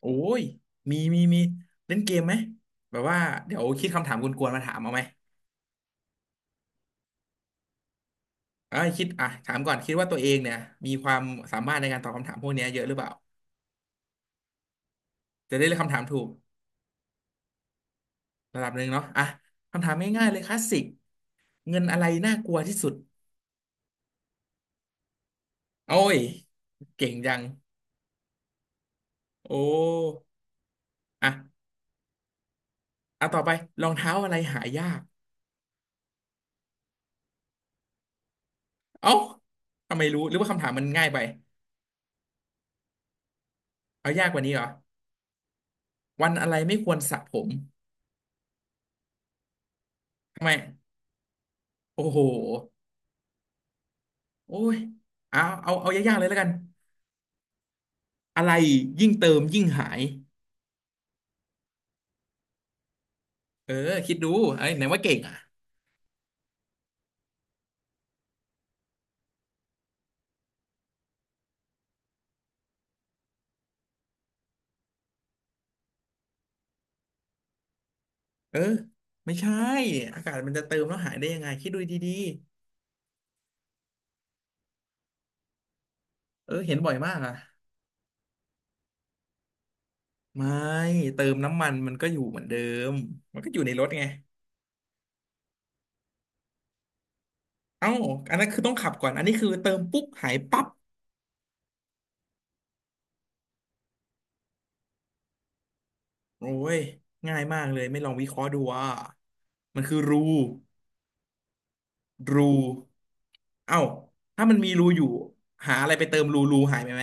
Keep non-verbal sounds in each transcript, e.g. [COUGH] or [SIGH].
โอ้ยมี มี มี เล่นเกมไหม แบบว่า เดี๋ยวคิดคำถามกวนๆมาถามเอาไหมเอ้ยคิดอ่ะถามก่อนคิดว่าตัวเองเนี่ย มีความสามารถในการตอบคำถามพวกเนี้ยเยอะหรือเปล่าจะได้เลือกคำถามถูกระดับหนึ่งเนาะอ่ะคำถามง่ายๆเลยคลาสสิกเงินอะไรน่ากลัวที่สุดโอ้ยเก่งจังโอ้อ่ะเอาต่อไปรองเท้าอะไรหายากเอ้าทำไมรู้หรือว่าคำถามมันง่ายไปเอายากกว่านี้เหรอวันอะไรไม่ควรสระผมทำไมโอ้โห โอ้ย เอาเอาเอายากๆเลยแล้วกัน อะไรยิ่งเติมยิ่งหายเออคิดดูไอ้ยไหนว่าเก่งอ่ะเออไม่ใช่อากาศมันจะเติมแล้วหายได้ยังไงคิดดูดีๆเออเห็นบ่อยมากอ่ะไม่เติมน้ำมันมันก็อยู่เหมือนเดิมมันก็อยู่ในรถไงเอ้าอันนั้นคือต้องขับก่อน อันนี้คือเติมปุ๊บหายปั๊บโอ้ยง่ายมากเลยไม่ลองวิเคราะห์ดูว่ามันคือรูรูเอ้าถ้ามันมีรูอยู่หาอะไรไปเติมรูรูหายไปไหม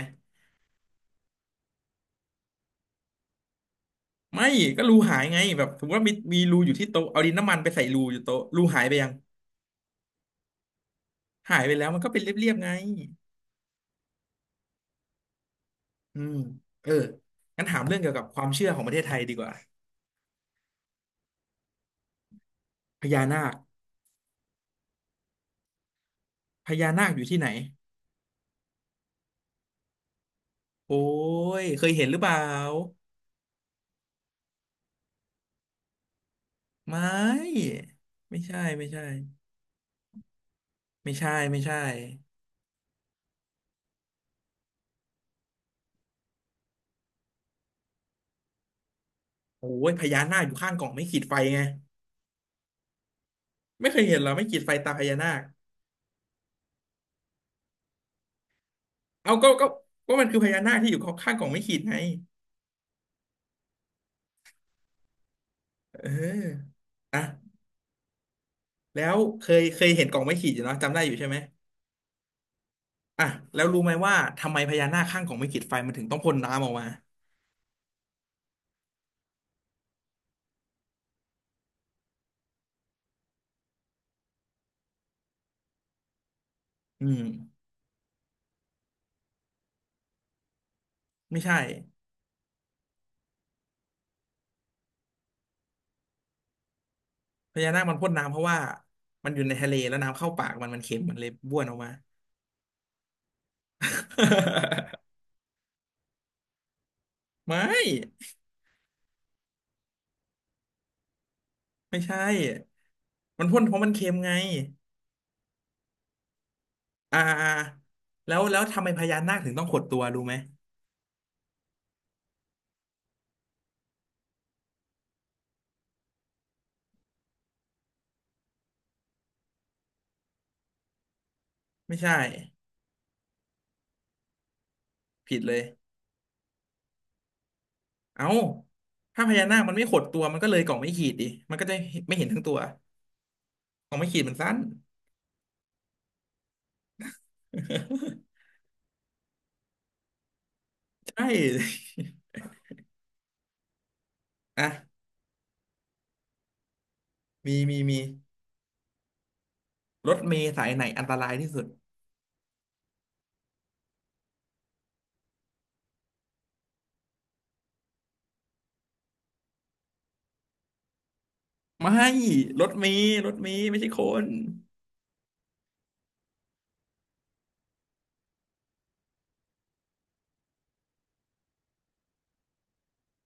ไม่ก็รูหายไงแบบสมมติว่ามีมีรูอยู่ที่โต๊ะเอาดินน้ำมันไปใส่รูอยู่โต๊ะรูหายไปยังหายไปแล้วมันก็เป็นเรียบๆไงอืมเอองั้นถามเรื่องเกี่ยวกับความเชื่อของประเทศไทยดีกว่าพญานาคพญานาคอยู่ที่ไหนโอ้ยเคยเห็นหรือเปล่าไม่ไม่ใช่ไม่ใช่ไม่ใช่ไม่ใช่โอ้ยพญานาคอยู่ข้างกล่องไม่ขีดไฟไงไม่เคยเห็นเหรอไม่ขีดไฟตาพญานาคเอาก็ก็ก็มันคือพญานาคที่อยู่ข้างกล่องไม่ขีดไงเออนะ แล้วเคยเคยเห็นกล่องไม้ขีดอยู่เนาะจำได้อยู่ใช่ไหมอ่ะแล้วรู้ไหมว่าทำไมพญานาคข้างกล่องไม้ขีดไฟมันถึงต้องพ่นน้ำออกมาอืมไม่ใช่พญานาคมันพ่นน้ำเพราะว่ามันอยู่ในทะเลแล้วน้ำเข้าปากมันมันเค็มมันเลยบ้วนออกมา [LAUGHS] ไม่ไม่ใช่มันพ่นเพราะมันเค็มไงอ่าอ่าแล้วแล้วทำไมพญานาคถึงต้องขดตัวรู้ไหมไม่ใช่ผิดเลยเอ้าถ้าพญานาคมันไม่ขดตัวมันก็เลยกล่องไม่ขีดดิมันก็จะไม่เห็นทั้งตัวกล่องไม่ขีดมันสั้น ใช่ [LAUGHS] อ่ะมีมีมีรถเมล์สายไหนอันตรายที่สุดไม่รถเมล์รถเมล์ไม่ใช่คน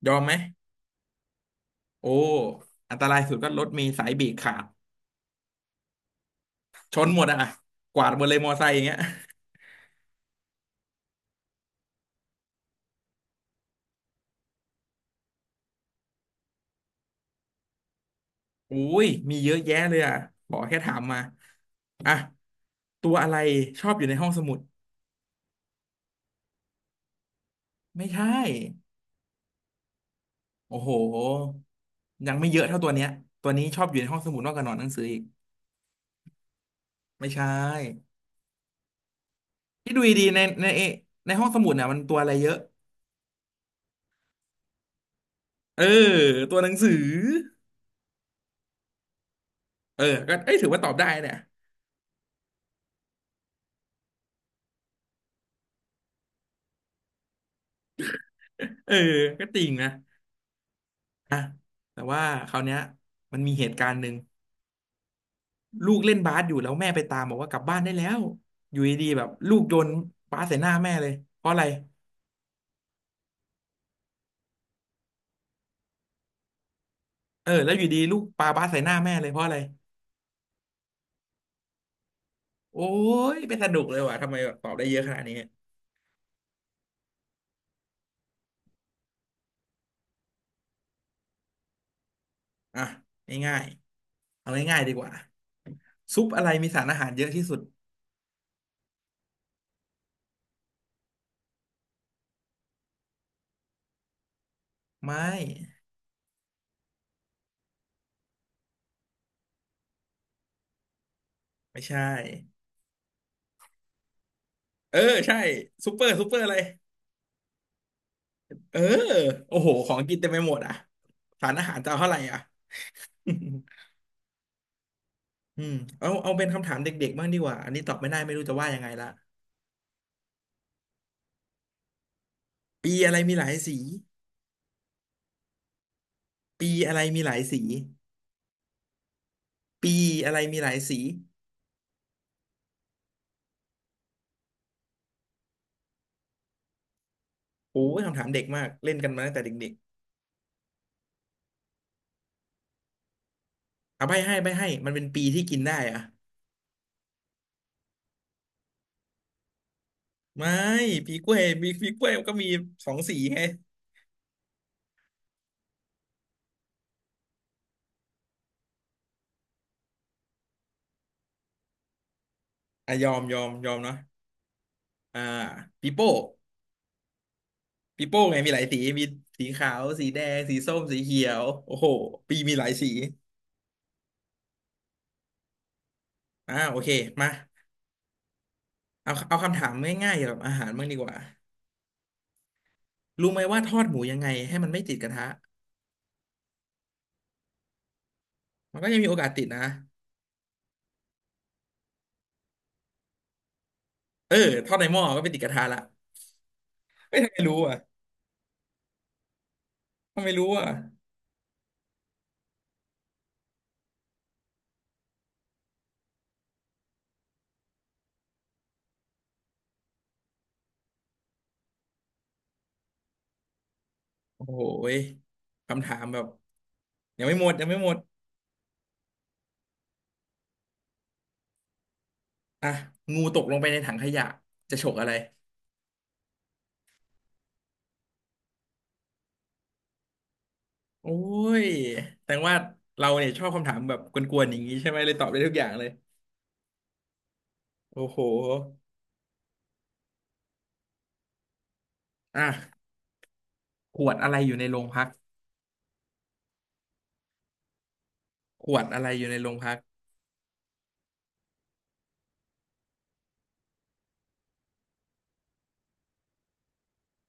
ยอมไหมโอ้อันตรายสุดก็รถเมล์สายเบรกขาดชนหมดอ่ะกวาดหมดเลยมอไซค์อย่างเงี้ยอุ้ยมีเยอะแยะเลยอ่ะขอแค่ถามมาอ่ะตัวอะไรชอบอยู่ในห้องสมุดไม่ใช่โอ้โหยังไม่เยอะเท่าตัวเนี้ยตัวนี้ชอบอยู่ในห้องสมุดมากกว่านอนหนังสืออีกไม่ใช่ ที่ดูดีๆในในในห้องสมุดเนี่ยมันตัวอะไรเยอะเออตัวหนังสือเออก็เอ้ยถือว่าตอบได้เนี่ยเออก็จริงนะอ่ะแต่ว่าคราวเนี้ยมันมีเหตุการณ์หนึ่งลูกเล่นบาสอยู่แล้วแม่ไปตามบอกว่ากลับบ้านได้แล้วอยู่ดีๆแบบลูกโยนบาสใส่หน้าแม่เลยเพราะอะไรเออแล้วอยู่ดีลูกปาบาสใส่หน้าแม่เลยเพราะอะไรโอ้ยเป็นสนุกเลยว่ะทำไมแบบตอบได้เยอะขนาดนี้อ่ะง่ายๆเอาง่ายๆดีกว่าซุปอะไรมีสารอาหารเยอะที่สุดไม่ ไม่ใช่เออใช่ซูเปอร์ซูเปอร์อะไรเออโอ้โหของกินเต็มไปหมดอ่ะสารอาหารจะเอาเท่าไหร่อ่ะ [LAUGHS] อืมเอาเอาเป็นคำถามเด็กๆบ้างดีกว่าอันนี้ตอบไม่ได้ไม่รู้จะว่ายังไงละปีอะไรมีหลายสี ปีอะไรมีหลายสีปีอะไรมีหลายสีโอ้ยคำถามเด็กมากเล่นกันมาตั้งแต่เด็กๆเอาใบให้ใบให้มันเป็นปีที่กินได้อ่ะไม่ปีกล้วยมีปีกล้วยมันก็มีสองสีไงอ่ะยอมยอมยอมเนาะอ่าปีโป้ ปีโป้ไงมีหลายสีมีสีขาวสีแดงสีส้มสีเขียวโอ้โหปีมีหลายสีอ่าโอเคมาเอาเอาคำถามง่ายๆเกี่ยวกับอาหารบ้างดีกว่ารู้ไหมว่าทอดหมูยังไงให้มันไม่ติดกระทะมันก็ยังมีโอกาสติดนะเออทอดในหม้อก็ไปติดกระทะละไม่ทำไมรู้อ่ะทำไมรู้อ่ะโอ้โหยคำถามแบบยังไม่หมดยังไม่หมดอ่ะงูตกลงไปในถังขยะจะฉกอะไรโอ้ยแสดงว่าเราเนี่ยชอบคำถามแบบกวนๆอย่างนี้ใช่ไหมเลยตอบได้ทุกอย่างเลยโอ้โห อ่ะขวดอะไรอยู่ในโรงพักขวดอะไรอยู่ในโรงพัก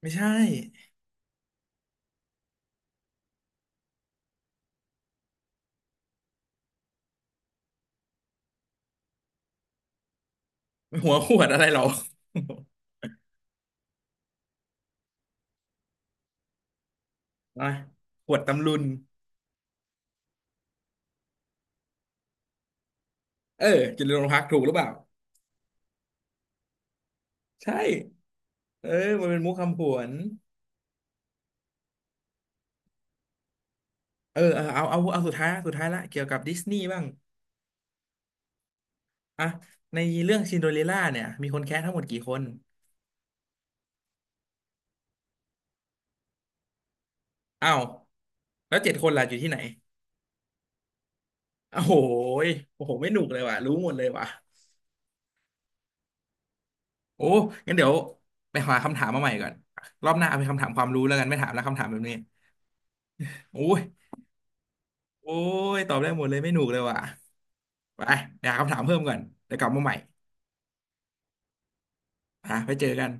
ไม่ใช่หัวขวดอะไรหรอ [LAUGHS] อ่ะขวดตำลุนเอออยู่ในโรงพักถูกหรือเปล่าใช่เออมันเป็นมุกคำผวนเออเออเอาเอาเอาสุดท้ายละสุดท้ายละเกี่ยวกับดิสนีย์บ้างอ่ะในเรื่องซินโดเรลล่าเนี่ยมีคนแค้ทั้งหมดกี่คนอ้าวแล้วเจ็ดคนล่ะอยู่ที่ไหนโอ้โหยโอ้โหไม่หนุกเลยว่ะรู้หมดเลยว่ะโอ้งั้นเดี๋ยวไปหาคำถามมาใหม่ก่อนรอบหน้าเอาเป็นคำถามความรู้แล้วกันไม่ถามแล้วคำถามแบบนี้ โอ้ย โอ้ย ตอบได้หมดเลยไม่หนุกเลยว่ะไปหาคำถามเพิ่มก่อนเดี๋ยวกลับมาใหม่อ่ะไปเจอกัน